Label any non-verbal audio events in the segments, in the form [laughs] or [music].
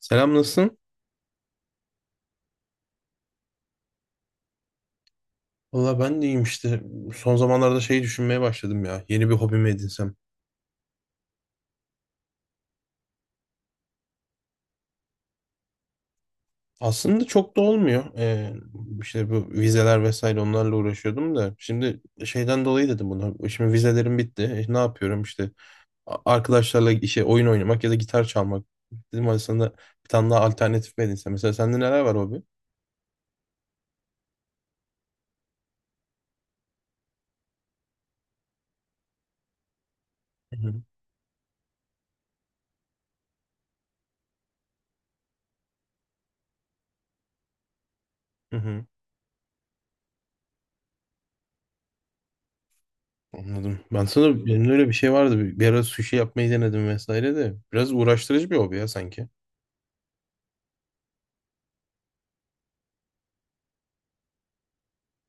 Selam nasılsın? Valla ben de iyiyim işte. Son zamanlarda şeyi düşünmeye başladım ya. Yeni bir hobimi edinsem. Aslında çok da olmuyor. İşte bu vizeler vesaire onlarla uğraşıyordum da. Şimdi şeyden dolayı dedim bunu. Şimdi vizelerim bitti. Ne yapıyorum işte. Arkadaşlarla işe oyun oynamak ya da gitar çalmak. Dedim aslında bir tane daha alternatif mi edinsem. Mesela sende neler var hobi? Hı hı. Hı hı. Anladım. Ben sana benim de öyle bir şey vardı. Bir ara sushi yapmayı denedim vesaire de. Biraz uğraştırıcı bir hobi ya sanki.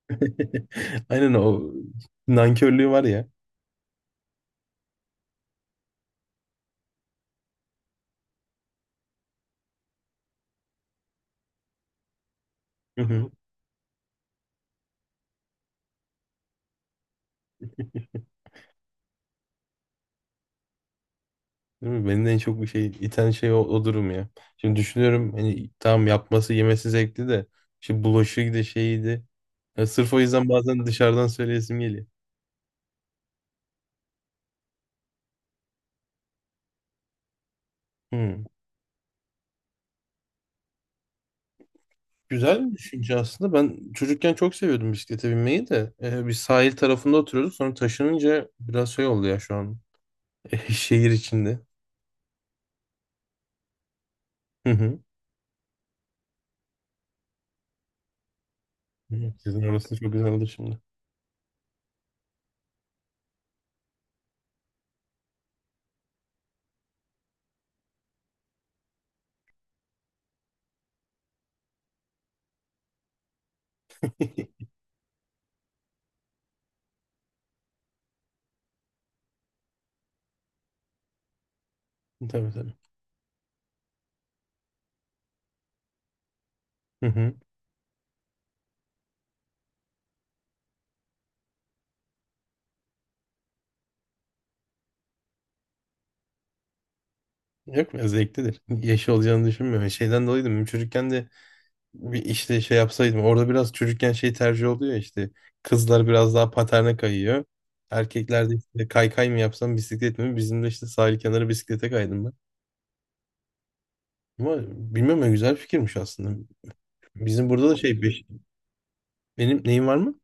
[laughs] Aynen o nankörlüğü var ya. Hı hı. Değil mi? Beni de en çok bir şey iten şey o durum ya. Şimdi düşünüyorum hani tamam yapması yemesi zevkli de işte bulaşığı da şeydi. Ya sırf o yüzden bazen dışarıdan söyleyesim geliyor. Hı. Güzel bir düşünce aslında. Ben çocukken çok seviyordum bisiklete binmeyi de. Bir sahil tarafında oturuyorduk. Sonra taşınınca biraz şey oldu ya şu an. [laughs] Şehir içinde. Hı. Hı. Sizin orası çok güzeldir şimdi. [laughs] Tabii tabii. Hı hı. Yok ya zevklidir. Yaşı olacağını düşünmüyorum. Şeyden dolayı da benim çocukken de bir işte şey yapsaydım. Orada biraz çocukken şey tercih oluyor ya işte. Kızlar biraz daha paterne kayıyor. Erkekler de işte kaykay mı yapsam bisiklet mi? Bizim de işte sahil kenarı bisiklete kaydım ben. Ama bilmiyorum ya güzel fikirmiş aslında. Bizim burada da benim neyim var mı?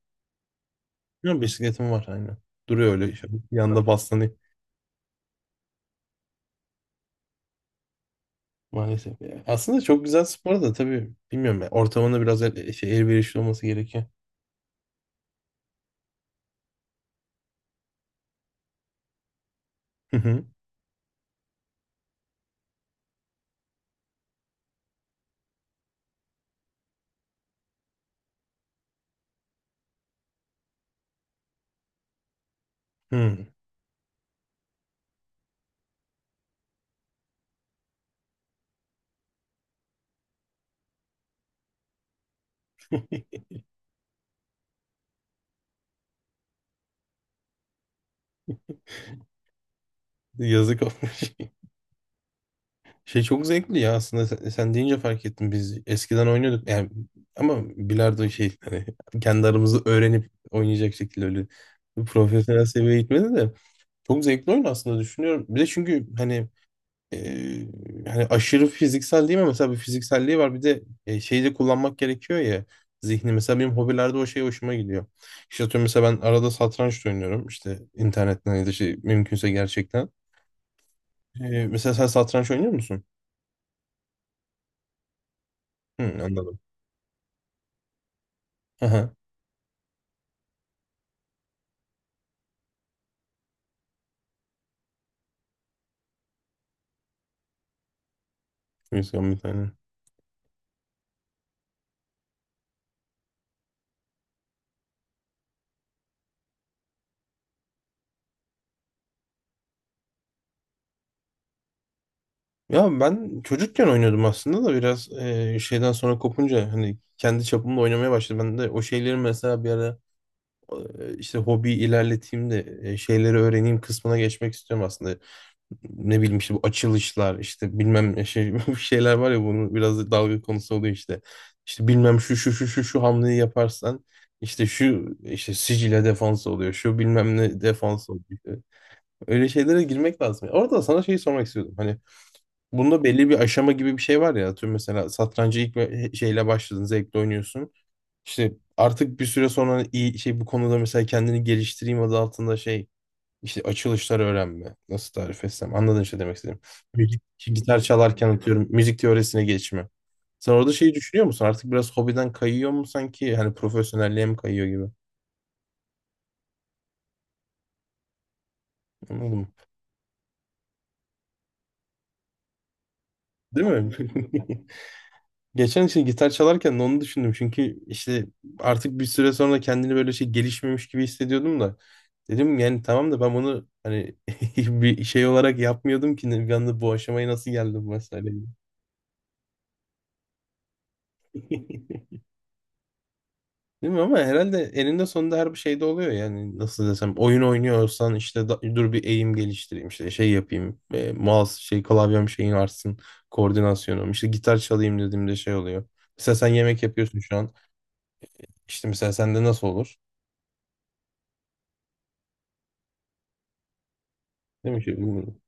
Bilmiyorum bisikletim var aynen. Duruyor öyle şöyle bir yanda baslanıyor. Maalesef ya. Aslında çok güzel spor da tabii bilmiyorum ya. Ortamında biraz elverişli olması gerekiyor. Hı hı. Hı. [laughs] Yazık olmuş. [laughs] Şey çok zevkli ya aslında sen deyince fark ettim biz eskiden oynuyorduk yani ama bilardo şey hani kendi aramızda öğrenip oynayacak şekilde öyle profesyonel seviyeye gitmedi de çok zevkli oyun aslında düşünüyorum. Bir de çünkü hani e, hani aşırı fiziksel değil mi mesela bir fizikselliği var bir de şeyi de kullanmak gerekiyor ya zihni mesela benim hobilerde o şey hoşuma gidiyor. İşte atıyorum mesela ben arada satranç da oynuyorum işte internetten ya da şey mümkünse gerçekten. E, mesela sen satranç oynuyor musun? Hı, anladım. Aha, müzisyen bir tane. Ya ben çocukken oynuyordum aslında da biraz şeyden sonra kopunca hani kendi çapımda oynamaya başladım. Ben de o şeyleri mesela bir ara işte hobi ilerleteyim de şeyleri öğreneyim kısmına geçmek istiyorum aslında. Ne bileyim işte bu açılışlar işte bilmem ne şey [laughs] bu şeyler var ya bunu biraz da dalga konusu oluyor işte. İşte bilmem şu şu şu şu şu hamleyi yaparsan işte şu işte sicile defans oluyor şu bilmem ne defans oluyor. Öyle şeylere girmek lazım. Orada sana şeyi sormak istiyordum. Hani bunda belli bir aşama gibi bir şey var ya. Atıyorum mesela satrancı şeyle başladın, zevkle oynuyorsun. İşte artık bir süre sonra iyi şey bu konuda mesela kendini geliştireyim adı altında şey işte açılışlar öğrenme. Nasıl tarif etsem? Anladın işte demek istedim. Müzik, gitar çalarken atıyorum müzik teorisine geçme. Sen orada şeyi düşünüyor musun? Artık biraz hobiden kayıyor mu sanki? Hani profesyonelliğe mi kayıyor gibi? Anladın mı? Değil mi? [laughs] Geçen işte gitar çalarken de onu düşündüm. Çünkü işte artık bir süre sonra kendini böyle şey gelişmemiş gibi hissediyordum da. Dedim yani tamam da ben bunu hani [laughs] bir şey olarak yapmıyordum ki bir anda bu aşamaya nasıl geldim mesela. [laughs] Değil mi? Ama herhalde eninde sonunda her bir şeyde oluyor yani nasıl desem oyun oynuyorsan işte dur bir eğim geliştireyim işte şey yapayım mouse şey klavyem şeyin artsın koordinasyonum işte gitar çalayım dediğimde şey oluyor. Mesela sen yemek yapıyorsun şu an işte mesela sende nasıl olur? Ne mi ki bilmiyorum.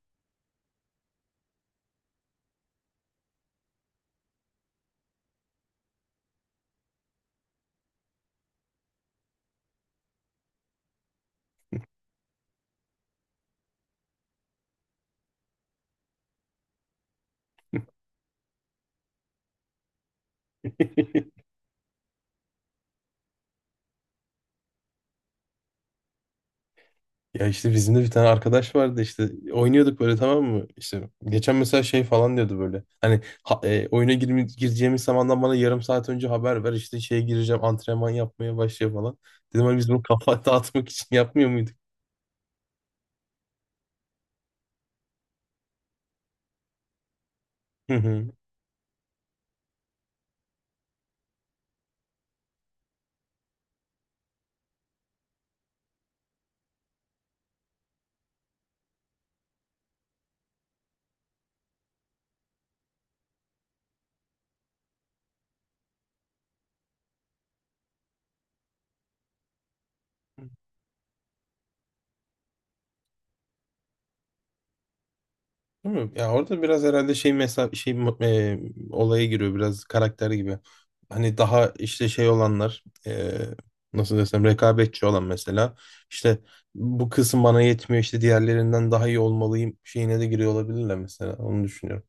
[laughs] Ya işte bizim de bir tane arkadaş vardı işte oynuyorduk böyle tamam mı? İşte geçen mesela şey falan diyordu böyle. Hani oyuna girme, gireceğimiz zamandan bana yarım saat önce haber ver işte şeye gireceğim antrenman yapmaya başlıyor falan. Dedim hani biz bunu kafa [laughs] dağıtmak için yapmıyor muyduk? Hı hı. Değil mi? Ya orada biraz herhalde şey mesela e, olaya giriyor biraz karakter gibi. Hani daha işte şey olanlar nasıl desem rekabetçi olan mesela işte bu kısım bana yetmiyor işte diğerlerinden daha iyi olmalıyım şeyine de giriyor olabilirler mesela onu düşünüyorum.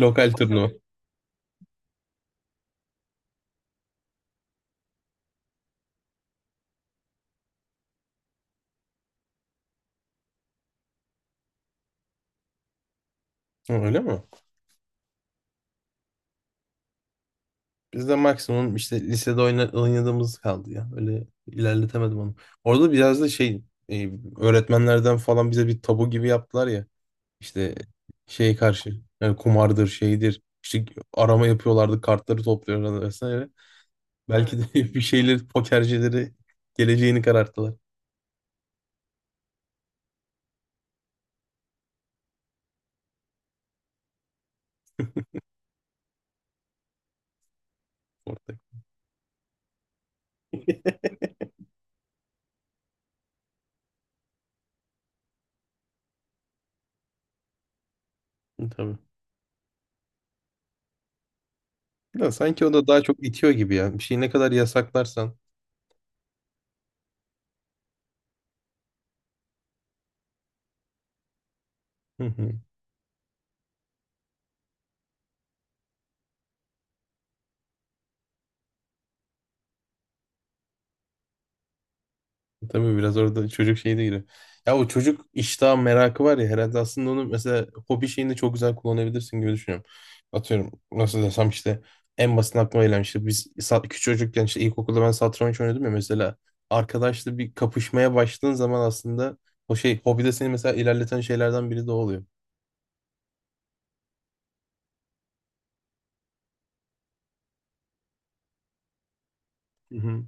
Lokal turnuva. Hı, öyle mi? Bizde maksimum işte lisede oynadığımız kaldı ya. Öyle ilerletemedim onu. Orada biraz da şey e, öğretmenlerden falan bize bir tabu gibi yaptılar ya. İşte şey karşı yani kumardır şeydir. İşte arama yapıyorlardı kartları topluyorlardı vesaire. Belki evet de [laughs] bir şeyleri pokercileri geleceğini kararttılar orada. [laughs] Tabii. Ya sanki o da daha çok itiyor gibi yani. Bir şeyi ne kadar yasaklarsan. Hı hı. Tabii biraz orada çocuk şeyi de giriyor. Ya o çocuk iştah merakı var ya herhalde aslında onu mesela hobi şeyinde çok güzel kullanabilirsin gibi düşünüyorum. Atıyorum nasıl desem işte en basit aklıma gelen işte biz küçük çocukken işte ilkokulda ben satranç oynuyordum ya mesela arkadaşla bir kapışmaya başladığın zaman aslında o şey hobide seni mesela ilerleten şeylerden biri de o oluyor. Hı hı.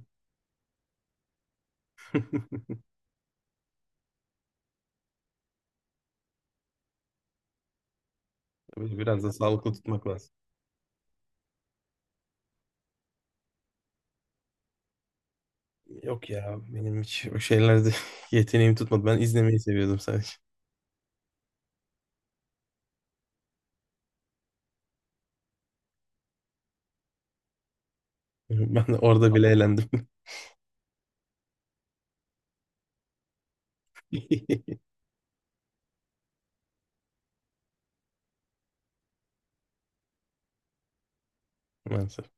Tabii. Biraz da sağlıklı tutmak lazım. Yok ya benim hiç o şeylerde [laughs] yeteneğim tutmadı. Ben izlemeyi seviyordum sadece. Ben de orada bile eğlendim. [laughs] Maalesef.